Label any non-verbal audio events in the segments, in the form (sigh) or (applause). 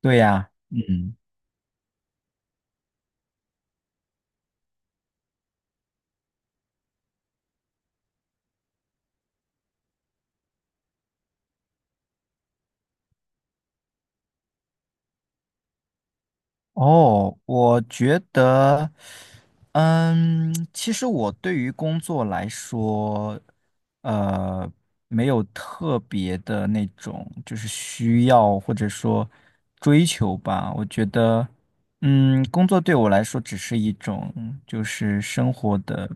对呀。嗯。哦，我觉得，其实我对于工作来说，呃，没有特别的那种就是需要或者说追求吧。我觉得，工作对我来说只是一种就是生活的。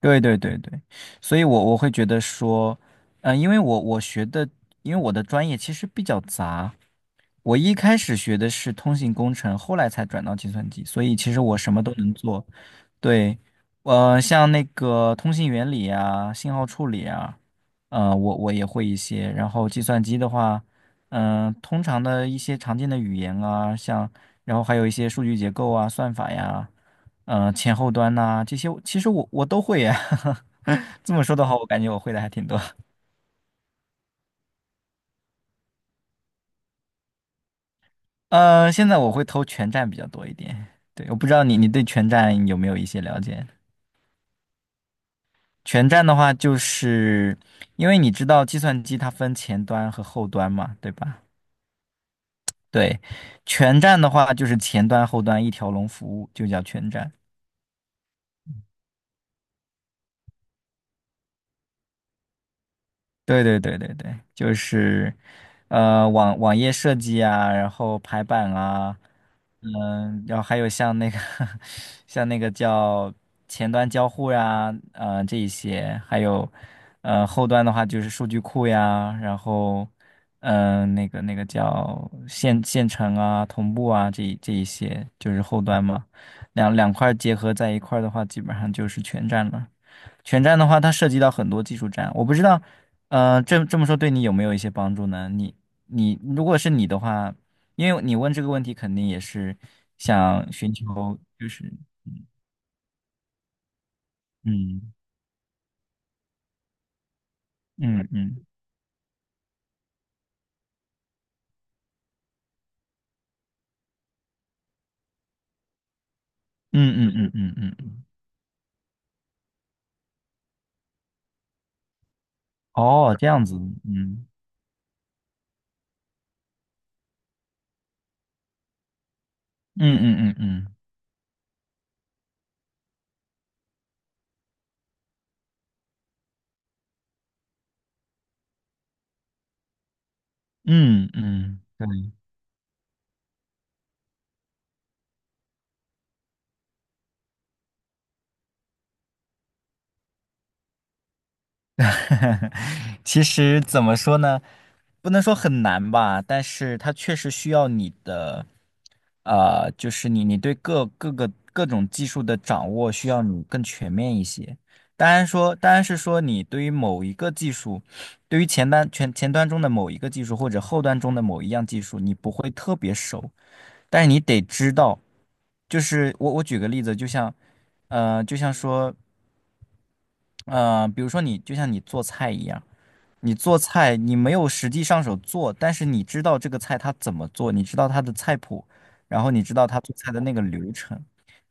对对对对，所以我会觉得说。因为因为我的专业其实比较杂，我一开始学的是通信工程，后来才转到计算机，所以其实我什么都能做。对。像那个通信原理啊、信号处理啊，我也会一些。然后计算机的话，通常的一些常见的语言啊，像然后还有一些数据结构啊、算法呀，前后端呐、这些，其实我都会呀。(laughs) 这么说的话，我感觉我会的还挺多。现在我会投全站比较多一点。对，我不知道你对全站有没有一些了解？全站的话，就是因为你知道计算机它分前端和后端嘛，对吧？对，全站的话就是前端后端一条龙服务，就叫全站。对对对对对，就是，网页设计啊，然后排版啊，然后还有像那个 (laughs) 像那个叫前端交互呀、这一些，还有后端的话就是数据库呀，然后那个那个叫线程啊、同步啊，这一些就是后端嘛，两块儿结合在一块儿的话，基本上就是全站了。全站的话，它涉及到很多技术站，我不知道，这这么说对你有没有一些帮助呢？你你如果是你的话，因为你问这个问题，肯定也是想寻求，就是嗯嗯嗯嗯嗯嗯嗯嗯，嗯哦，这样子，嗯嗯嗯嗯嗯嗯嗯，对。(laughs) 其实怎么说呢，不能说很难吧，但是它确实需要你的，就是你对各种技术的掌握需要你更全面一些。当然说，当然是说你对于某一个技术，对于前端前端中的某一个技术或者后端中的某一样技术，你不会特别熟，但是你得知道，就是我举个例子，就像，就像说，比如说你就像你做菜一样。你做菜，你没有实际上手做，但是你知道这个菜它怎么做，你知道它的菜谱，然后你知道它做菜的那个流程。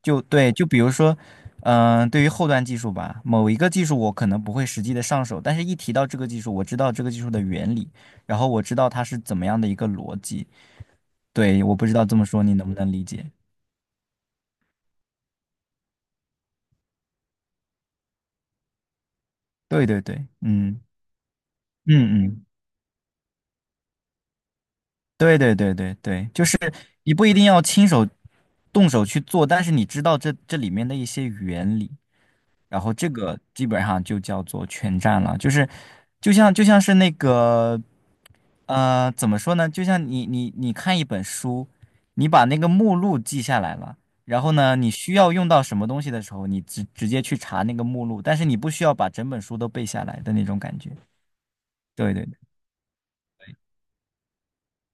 就对，就比如说，对于后端技术吧，某一个技术我可能不会实际的上手，但是一提到这个技术，我知道这个技术的原理，然后我知道它是怎么样的一个逻辑。对，我不知道这么说你能不能理解？对对对，嗯嗯嗯。对对对对对，就是你不一定要亲手动手去做，但是你知道这里面的一些原理，然后这个基本上就叫做全占了。就是就像是那个怎么说呢？就像你看一本书，你把那个目录记下来了，然后呢，你需要用到什么东西的时候，你直接去查那个目录，但是你不需要把整本书都背下来的那种感觉。对对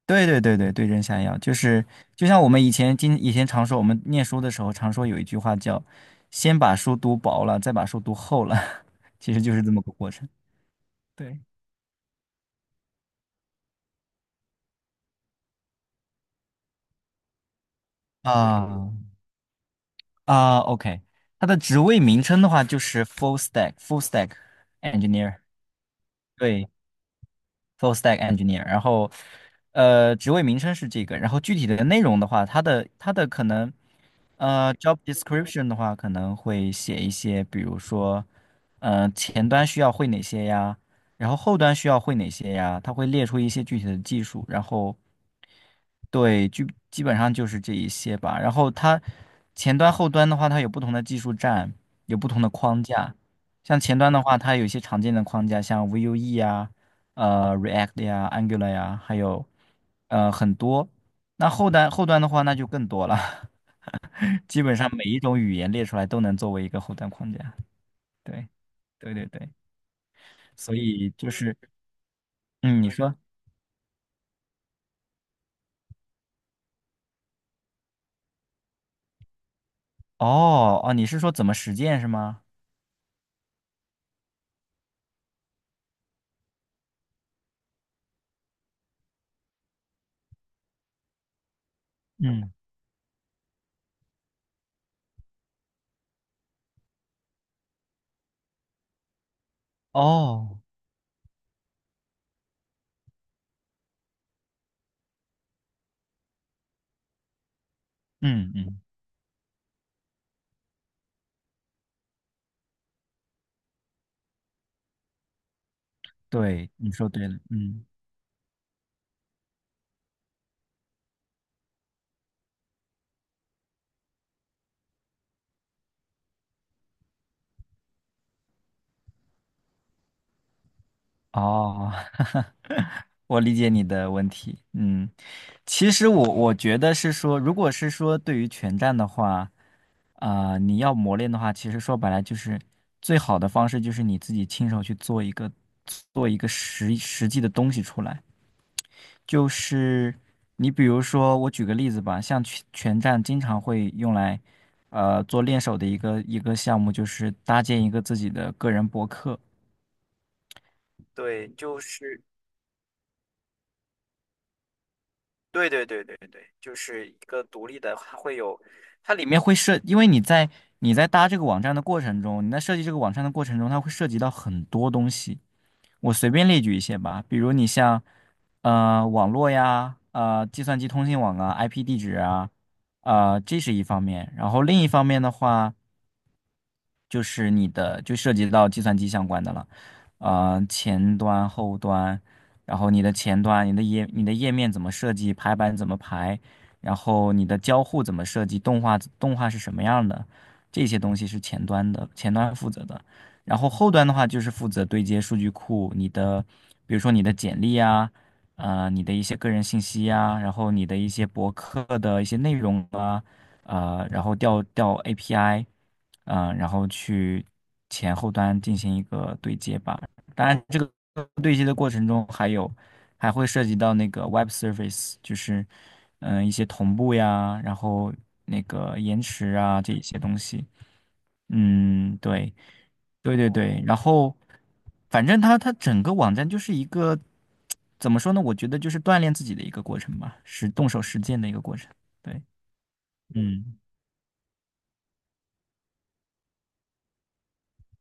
对对对对，对症下药，就是就像我们以前以前常说，我们念书的时候常说有一句话叫"先把书读薄了，再把书读厚了"，(laughs) 其实就是这么个过程。对啊。啊，OK,它的职位名称的话就是 full stack engineer。对，full stack engineer,然后职位名称是这个，然后具体的内容的话，它的可能job description 的话，可能会写一些，比如说前端需要会哪些呀，然后后端需要会哪些呀，它会列出一些具体的技术，然后对，基本上就是这一些吧。然后它前端后端的话，它有不同的技术栈，有不同的框架。像前端的话，它有一些常见的框架，像 Vue 啊。React 呀、Angular 呀，还有很多。那后端的话，那就更多了，(laughs) 基本上每一种语言列出来都能作为一个后端框架。对对对对，所以就是嗯，你说哦哦，你是说怎么实践是吗？嗯，哦，嗯嗯，对，你说对了，嗯。哦，(laughs) 我理解你的问题。嗯，其实我觉得是说，如果是说对于全站的话，啊、你要磨练的话，其实说白了就是最好的方式就是你自己亲手去做做一个实际的东西出来。就是你比如说，我举个例子吧，像全拳战经常会用来，做练手的一个项目，就是搭建一个自己的个人博客。对，就是。对对对对对，就是一个独立的，它会有，它里面因为你在搭这个网站的过程中，你在设计这个网站的过程中，它会涉及到很多东西。我随便列举一些吧，比如你像网络呀，计算机通信网啊，IP 地址啊，这是一方面。然后另一方面的话。就是你的就涉及到计算机相关的了，前端、后端，然后你的前端、你的页面怎么设计，排版怎么排，然后你的交互怎么设计，动画是什么样的，这些东西是前端的，前端负责的。然后后端的话就是负责对接数据库，你的比如说你的简历啊，你的一些个人信息啊，然后你的一些博客的一些内容啊。然后调 API,然后去前后端进行一个对接吧。当然，这个对接的过程中还有还会涉及到那个 Web Service,就是一些同步呀，然后那个延迟啊这一些东西。嗯，对。对对对，然后反正它整个网站就是一个怎么说呢？我觉得就是锻炼自己的一个过程吧，是动手实践的一个过程。对，嗯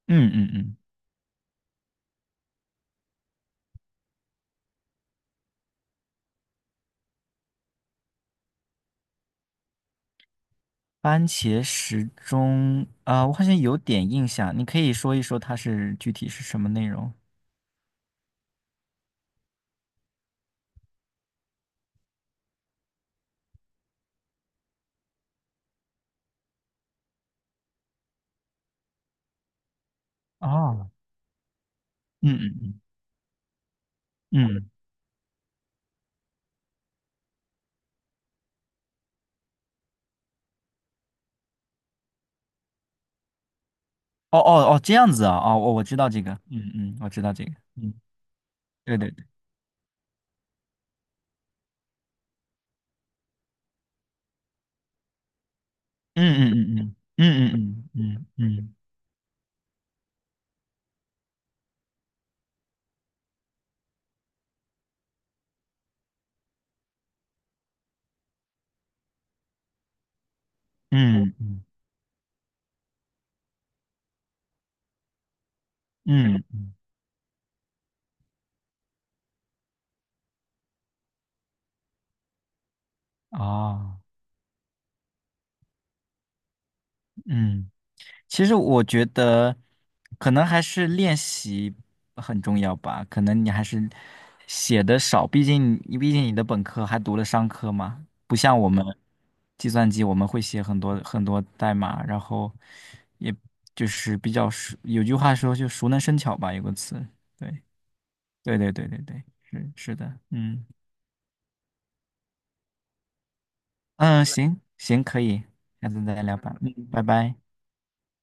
嗯嗯嗯。番茄时钟啊，我好像有点印象，你可以说一说它是具体是什么内容？啊，嗯嗯嗯嗯，哦哦哦，这样子啊，哦，我知道这个，嗯嗯，我知道这个，嗯，对对对，嗯嗯嗯嗯嗯嗯嗯嗯嗯嗯嗯嗯，嗯哦，嗯。其实我觉得，可能还是练习很重要吧。可能你还是写的少，毕竟你的本科还读了商科嘛，不像我们计算机，我们会写很多很多代码，然后也就是比较熟。有句话说，就熟能生巧吧，有个词。对，对对对对对，是是的，嗯嗯，行行，可以，下次再聊吧。嗯，拜拜。